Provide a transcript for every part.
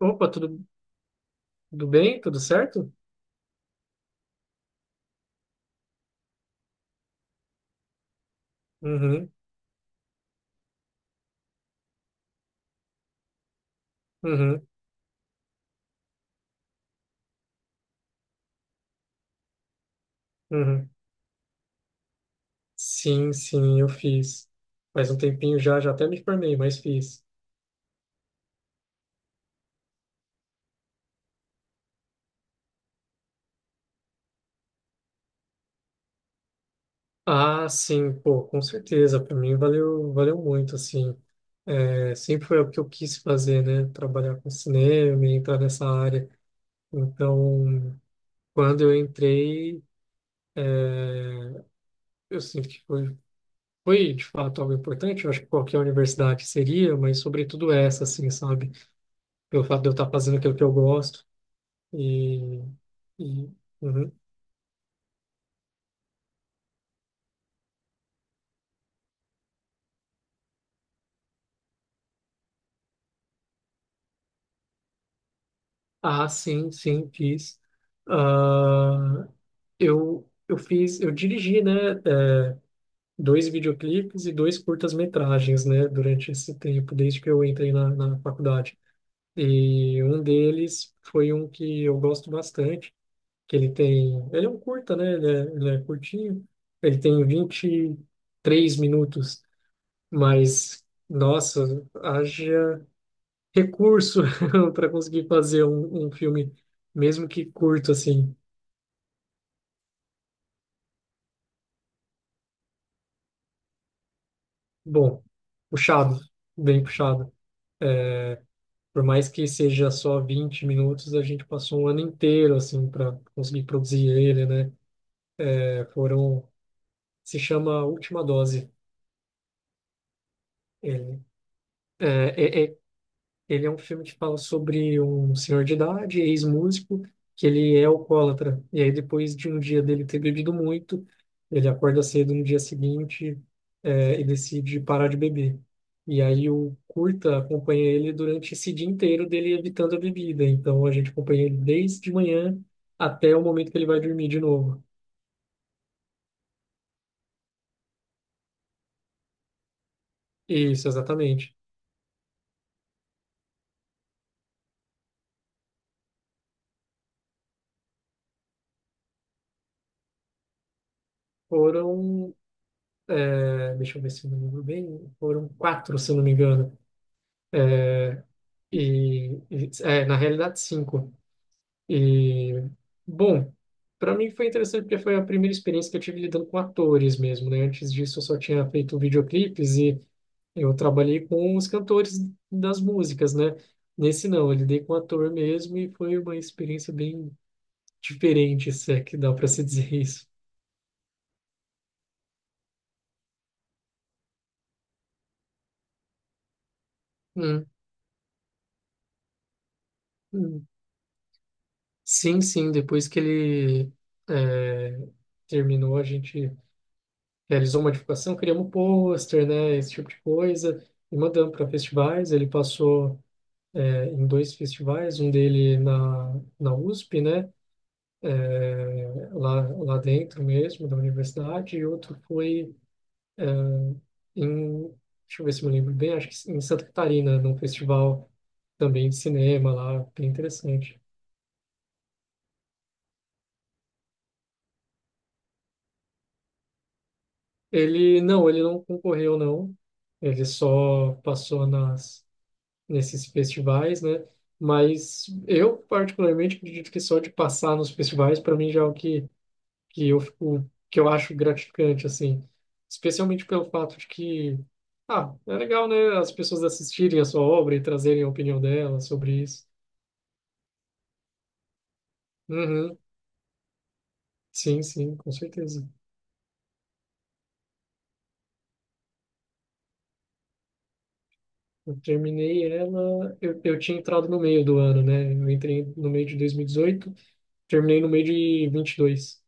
Opa, tudo, tudo bem? Tudo certo? Uhum, uhum, uhum. Sim, sim, eu fiz. Faz um tempinho já, já até me formei, mas fiz. Ah, sim, pô, com certeza. Para mim valeu, valeu muito, assim. É, sempre foi o que eu quis fazer, né? Trabalhar com cinema e entrar nessa área. Então, quando eu entrei, é, eu sinto que foi de fato algo importante. Eu acho que qualquer universidade seria, mas sobretudo essa, assim, sabe? Pelo fato de eu estar fazendo aquilo que eu gosto. E, e- uhum. Ah, sim, sim, fiz. Ah, eu dirigi, né, eh, dois videoclipes e dois curtas-metragens, né, durante esse tempo, desde que eu entrei na faculdade. E um deles foi um que eu gosto bastante, que ele tem, ele é um curta, né, ele é curtinho, ele tem 23 minutos, mas, nossa, haja recurso para conseguir fazer um filme, mesmo que curto, assim. Bom, puxado, bem puxado. É, por mais que seja só 20 minutos, a gente passou um ano inteiro, assim, para conseguir produzir ele, né? É, se chama Última Dose. Ele, né? Ele é um filme que fala sobre um senhor de idade, ex-músico, que ele é alcoólatra. E aí, depois de um dia dele ter bebido muito, ele acorda cedo no dia seguinte, e decide parar de beber. E aí, o curta acompanha ele durante esse dia inteiro dele evitando a bebida. Então, a gente acompanha ele desde de manhã até o momento que ele vai dormir de novo. Isso, exatamente. Foram, deixa eu ver se eu me lembro bem, foram quatro, se eu não me engano. É, é, na realidade, cinco. E, bom, para mim foi interessante porque foi a primeira experiência que eu tive lidando com atores mesmo, né? Antes disso, eu só tinha feito videoclipes e eu trabalhei com os cantores das músicas, né? Nesse não, eu lidei com ator mesmo e foi uma experiência bem diferente, se é que dá para se dizer isso. Hum, hum. Sim, sim, depois que ele é, terminou, a gente realizou modificação, criamos um pôster, né, esse tipo de coisa, e mandamos para festivais. Ele passou em dois festivais, um dele na USP, né, lá dentro mesmo, da universidade, e outro foi é, em, deixa eu ver se eu me lembro bem, acho que em Santa Catarina, num festival também de cinema lá, bem interessante. Ele não concorreu, não. Ele só passou nas nesses festivais, né? Mas eu particularmente acredito que só de passar nos festivais para mim já é o que que eu fico, que eu acho gratificante, assim, especialmente pelo fato de que, ah, é legal, né, as pessoas assistirem a sua obra e trazerem a opinião delas sobre isso. Uhum. Sim, sim, com certeza. Eu terminei ela, eu tinha entrado no meio do ano, né? Eu entrei no meio de 2018, terminei no meio de 22.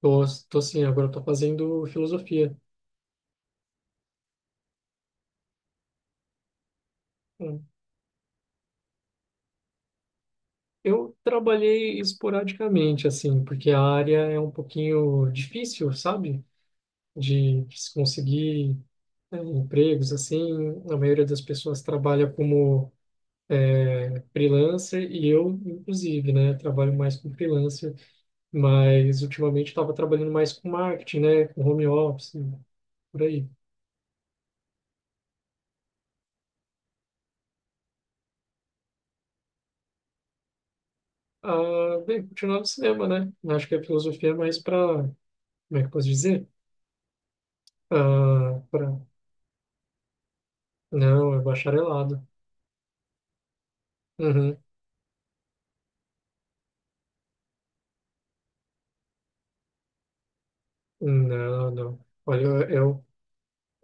Tô assim, agora eu tô fazendo filosofia. Eu trabalhei esporadicamente, assim, porque a área é um pouquinho difícil, sabe? De se conseguir, né, empregos, assim. A maioria das pessoas trabalha como freelancer e eu, inclusive, né? Trabalho mais como freelancer, mas ultimamente estava trabalhando mais com marketing, né? Com home office, por aí. Ah, bem, continuar no cinema, né? Acho que a filosofia é mais para, como é que eu posso dizer? Ah, para. Não, é bacharelado. Uhum. Não, não. Olha, eu, eu,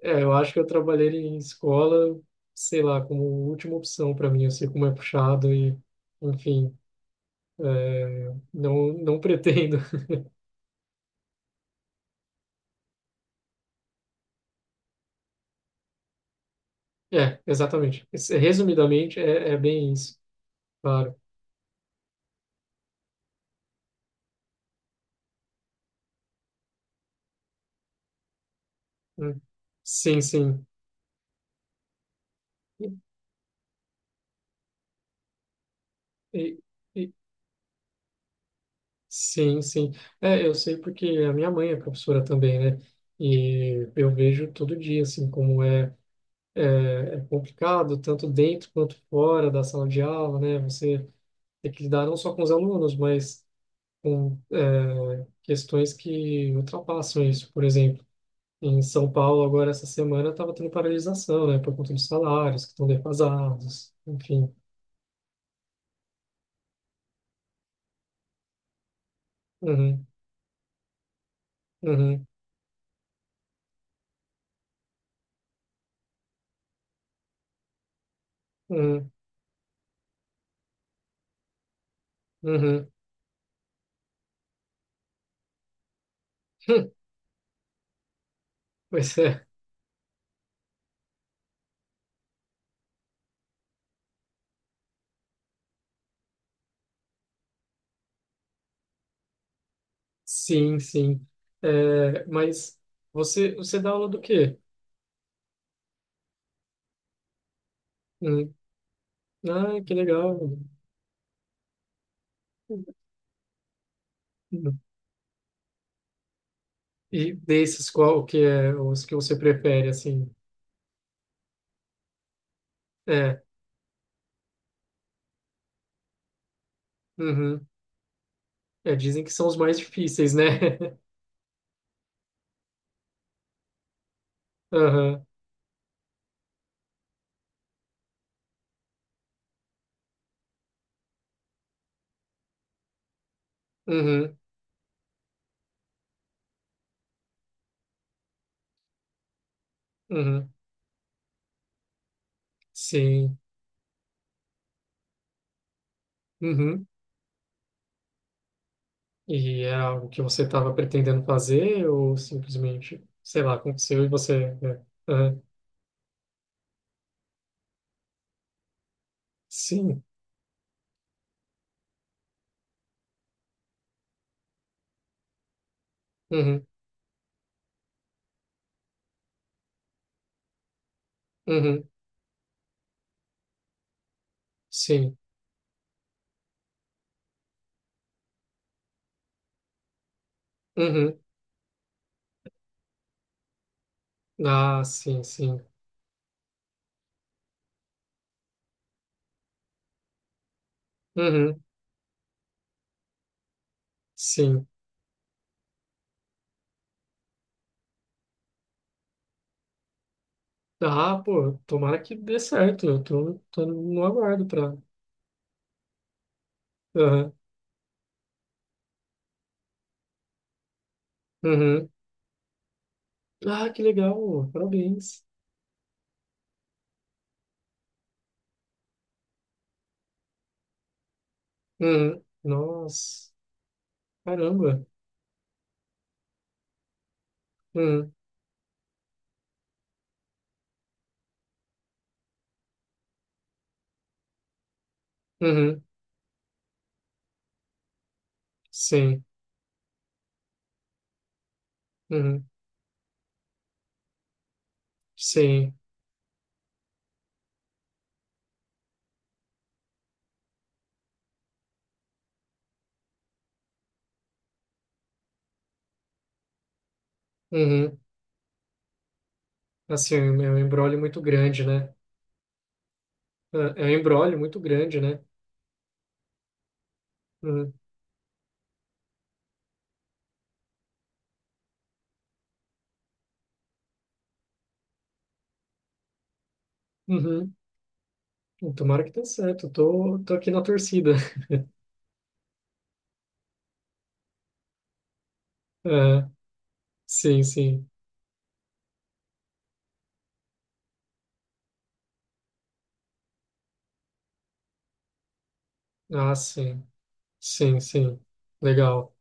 é, eu acho que eu trabalhei em escola, sei lá, como última opção para mim. Eu sei como é puxado e, enfim, não, não pretendo. É, exatamente. Resumidamente, é bem isso, claro. Hum. Sim, sim. E- e- e- sim, sim. É, eu sei porque a minha mãe é professora também, né? E eu vejo todo dia, assim, como é complicado, tanto dentro quanto fora da sala de aula, né? Você tem que lidar não só com os alunos, mas com questões que ultrapassam isso. Por exemplo, em São Paulo, agora essa semana, estava tendo paralisação, né, por conta dos salários que estão defasados, enfim. Uhum, uhum, uhum, uhum. Pois é, sim, sim. É, mas você dá aula do quê? Hum, Ah, que legal. Hum, hum. E desses, qual que é os que você prefere, assim? É, uhum. É, dizem que são os mais difíceis, né? Aham, uhum, uhum, sim, uhum. E é algo que você estava pretendendo fazer ou simplesmente, sei lá, aconteceu e você. É. Aham, sim, uhum, uhum, sim, uhum. Ah, sim, sim, uhum, sim. Ah, pô, tomara que dê certo, eu tô no aguardo pra. Aham, uhum. Ah, que legal, parabéns. Uhum. Nossa, caramba. Uhum. Uhum. Sim, uhum, sim, uhum. Assim, é um embrólio muito grande, né? É um embrólio muito grande, né? Uhum, uhum. Tomara que dê certo, tô aqui na torcida. É, sim, sim. Ah, sim, sim, sim. Legal.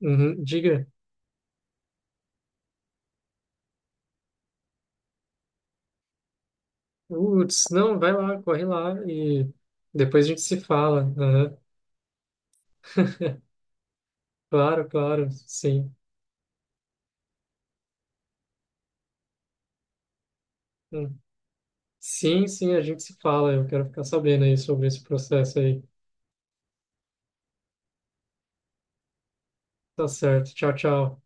Uhum, diga. Uts, não, vai lá, corre lá e depois a gente se fala. Uhum, claro, claro, sim. Hum. Sim, sim, a gente se fala. Eu quero ficar sabendo aí sobre esse processo aí. Tá certo. Tchau, tchau.